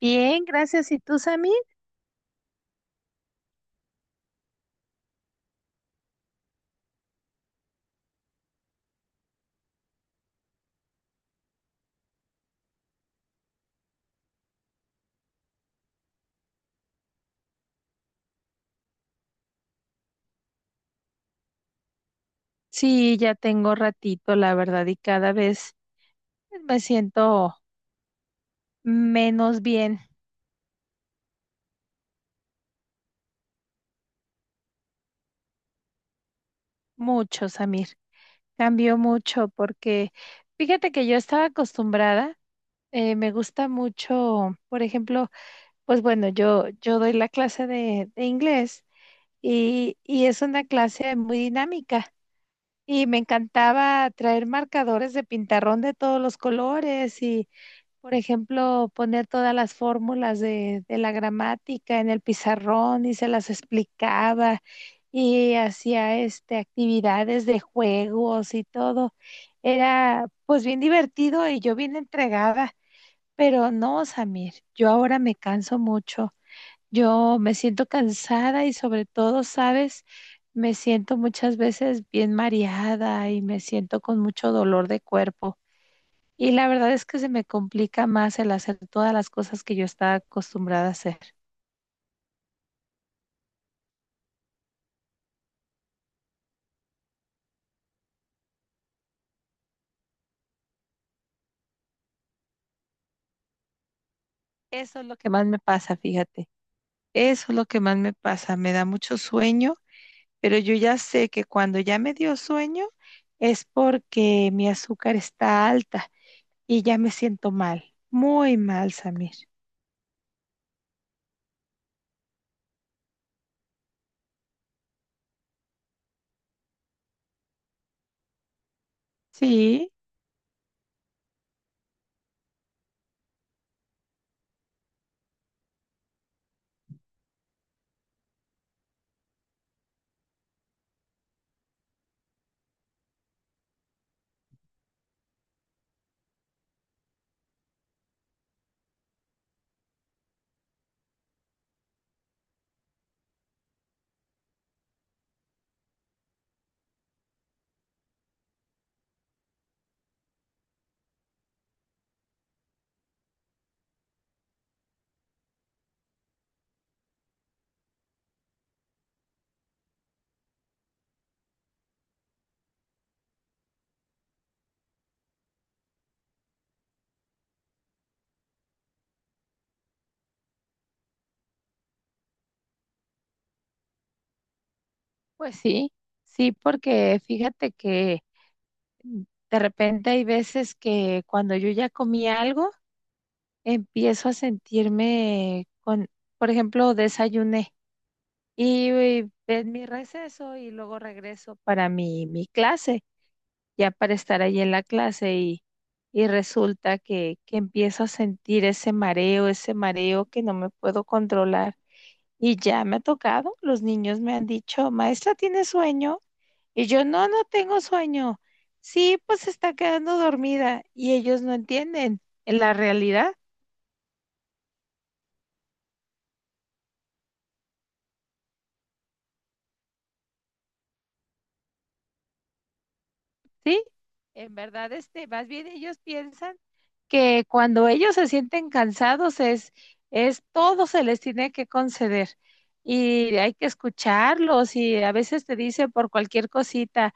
Bien, gracias. ¿Y tú, Sammy? Sí, ya tengo ratito, la verdad, y cada vez me siento menos bien, mucho, Samir. Cambió mucho porque fíjate que yo estaba acostumbrada, me gusta mucho, por ejemplo, pues bueno, yo doy la clase de inglés y es una clase muy dinámica. Y me encantaba traer marcadores de pintarrón de todos los colores y, por ejemplo, poner todas las fórmulas de la gramática en el pizarrón y se las explicaba y hacía este actividades de juegos y todo. Era pues bien divertido y yo bien entregada, pero no, Samir, yo ahora me canso mucho. Yo me siento cansada y sobre todo, ¿sabes? Me siento muchas veces bien mareada y me siento con mucho dolor de cuerpo. Y la verdad es que se me complica más el hacer todas las cosas que yo estaba acostumbrada a hacer. Eso es lo que más me pasa, fíjate. Eso es lo que más me pasa. Me da mucho sueño, pero yo ya sé que cuando ya me dio sueño es porque mi azúcar está alta y ya me siento mal, muy mal, Samir. Sí, pues sí, sí, porque fíjate que de repente hay veces que cuando yo ya comí algo, empiezo a sentirme con, por ejemplo, desayuné y es mi receso y luego regreso para mi clase, ya para estar ahí en la clase y resulta que empiezo a sentir ese mareo que no me puedo controlar. Y ya me ha tocado, los niños me han dicho, maestra, ¿tiene sueño? Y yo, no, no tengo sueño. Sí, pues se está quedando dormida y ellos no entienden la realidad. Sí, en verdad, este, más bien ellos piensan que cuando ellos se sienten cansados es todo se les tiene que conceder y hay que escucharlos y a veces te dice por cualquier cosita,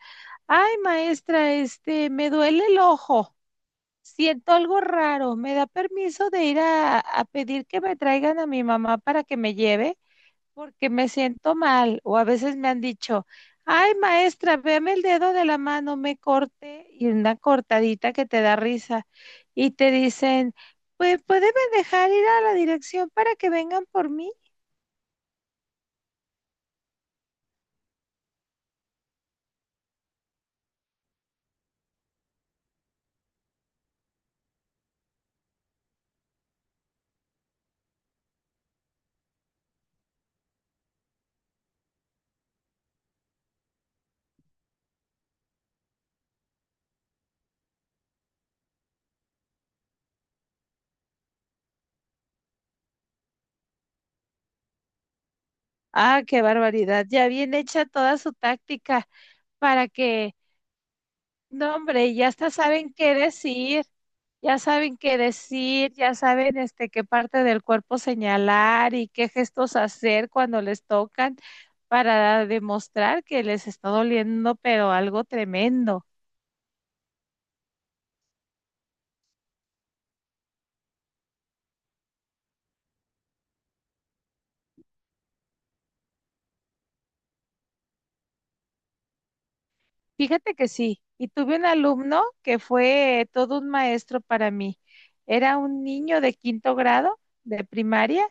ay maestra, este, me duele el ojo, siento algo raro, ¿me da permiso de ir a pedir que me traigan a mi mamá para que me lleve? Porque me siento mal, o a veces me han dicho, ay maestra, veme el dedo de la mano, me corté y una cortadita que te da risa y te dicen, pues puede dejar ir a la dirección para que vengan por mí. Ah, qué barbaridad, ya bien hecha toda su táctica para que, no hombre, ya hasta saben qué decir. Ya saben qué decir, ya saben este qué parte del cuerpo señalar y qué gestos hacer cuando les tocan para demostrar que les está doliendo, pero algo tremendo. Fíjate que sí, y tuve un alumno que fue todo un maestro para mí. Era un niño de quinto grado de primaria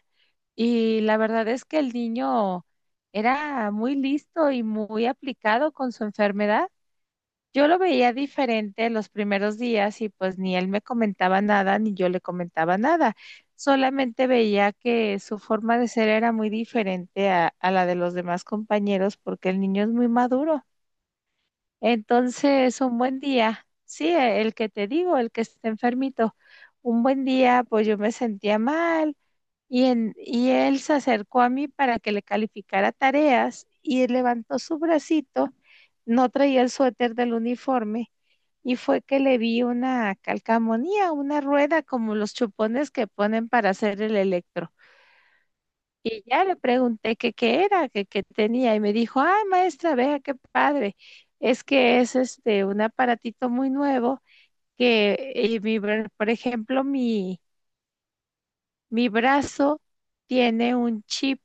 y la verdad es que el niño era muy listo y muy aplicado con su enfermedad. Yo lo veía diferente los primeros días y pues ni él me comentaba nada ni yo le comentaba nada. Solamente veía que su forma de ser era muy diferente a la de los demás compañeros porque el niño es muy maduro. Entonces, un buen día, sí, el que te digo, el que está enfermito, un buen día, pues yo me sentía mal. Y él se acercó a mí para que le calificara tareas y levantó su bracito, no traía el suéter del uniforme y fue que le vi una calcamonía, una rueda como los chupones que ponen para hacer el electro. Y ya le pregunté que qué era, que qué tenía y me dijo, ay maestra, vea qué padre, es que es este un aparatito muy nuevo que, por ejemplo, mi brazo tiene un chip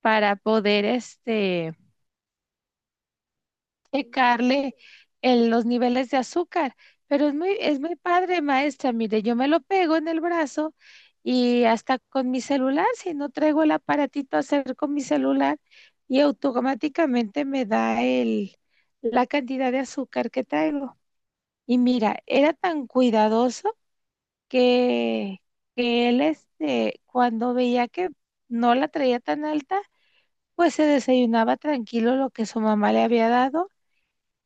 para poder este, checarle los niveles de azúcar. Pero es muy padre, maestra. Mire, yo me lo pego en el brazo y hasta con mi celular, si no traigo el aparatito a hacer con mi celular, y automáticamente me da el, la cantidad de azúcar que traigo. Y mira, era tan cuidadoso que, que él, este, cuando veía que no la traía tan alta, pues se desayunaba tranquilo lo que su mamá le había dado,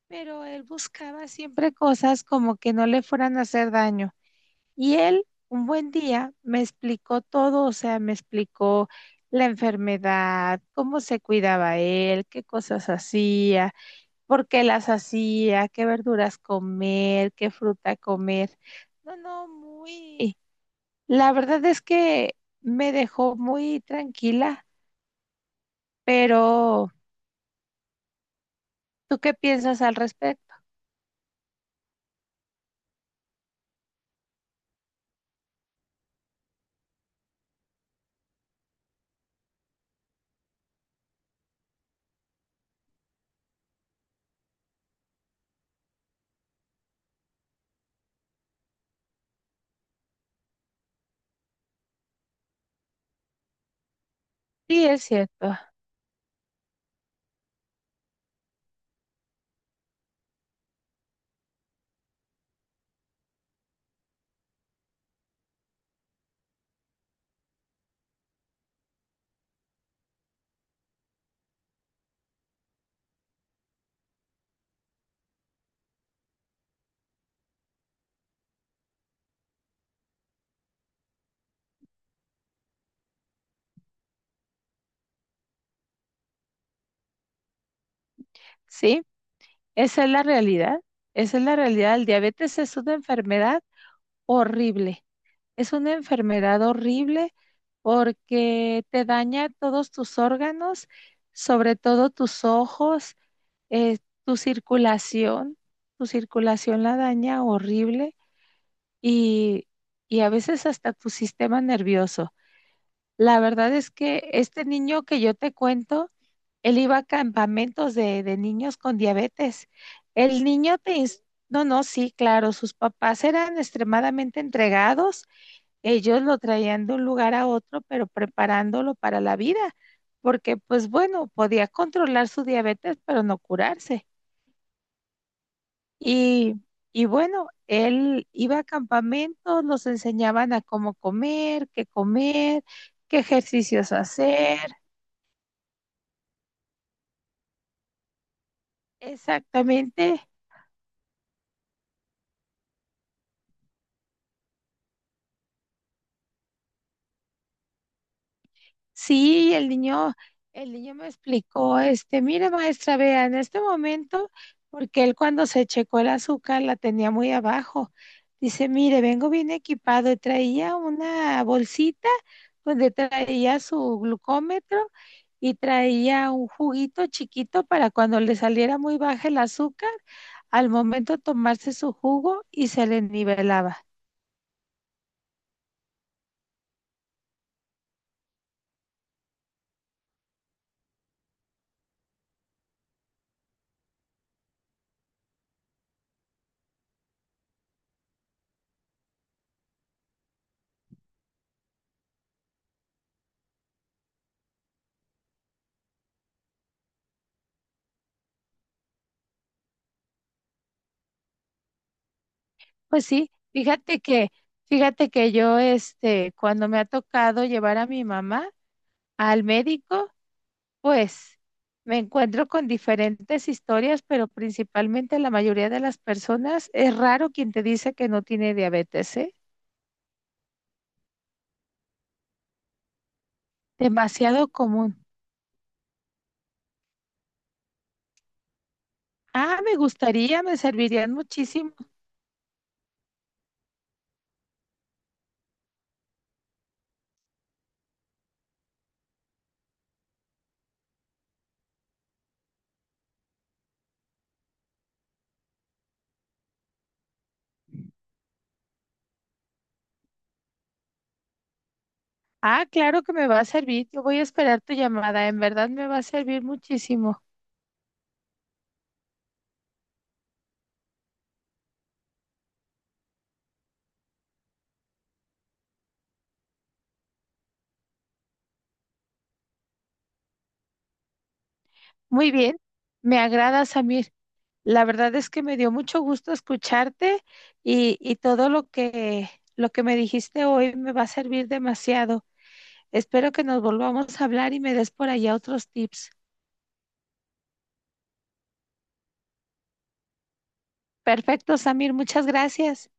pero él buscaba siempre cosas como que no le fueran a hacer daño. Y él, un buen día, me explicó todo, o sea, me explicó la enfermedad, cómo se cuidaba él, qué cosas hacía, por qué las hacía, qué verduras comer, qué fruta comer. No, no, muy... La verdad es que me dejó muy tranquila, pero ¿tú qué piensas al respecto? Sí, es cierto. Sí, esa es la realidad. Esa es la realidad. El diabetes es una enfermedad horrible. Es una enfermedad horrible porque te daña todos tus órganos, sobre todo tus ojos, eh, tu circulación. Tu circulación la daña horrible y, y a veces hasta tu sistema nervioso. La verdad es que este niño que yo te cuento, él iba a campamentos de niños con diabetes. El niño te... ins- No, no, sí, claro, sus papás eran extremadamente entregados. Ellos lo traían de un lugar a otro, pero preparándolo para la vida, porque pues bueno, podía controlar su diabetes, pero no curarse. Y, y bueno, él iba a campamentos, los enseñaban a cómo comer, qué ejercicios hacer. Exactamente. Sí, el niño me explicó, este, mire maestra, vea, en este momento, porque él cuando se checó el azúcar la tenía muy abajo, dice, mire, vengo bien equipado y traía una bolsita donde traía su glucómetro y traía un juguito chiquito para cuando le saliera muy baja el azúcar, al momento tomarse su jugo y se le nivelaba. Pues sí, fíjate que yo, este, cuando me ha tocado llevar a mi mamá al médico, pues me encuentro con diferentes historias, pero principalmente la mayoría de las personas, es raro quien te dice que no tiene diabetes, ¿eh? Demasiado común. Ah, me gustaría, me servirían muchísimo. Ah, claro que me va a servir. Yo voy a esperar tu llamada. En verdad me va a servir muchísimo. Muy bien, me agrada, Samir. La verdad es que me dio mucho gusto escucharte y todo lo que me dijiste hoy me va a servir demasiado. Espero que nos volvamos a hablar y me des por allá otros tips. Perfecto, Samir, muchas gracias.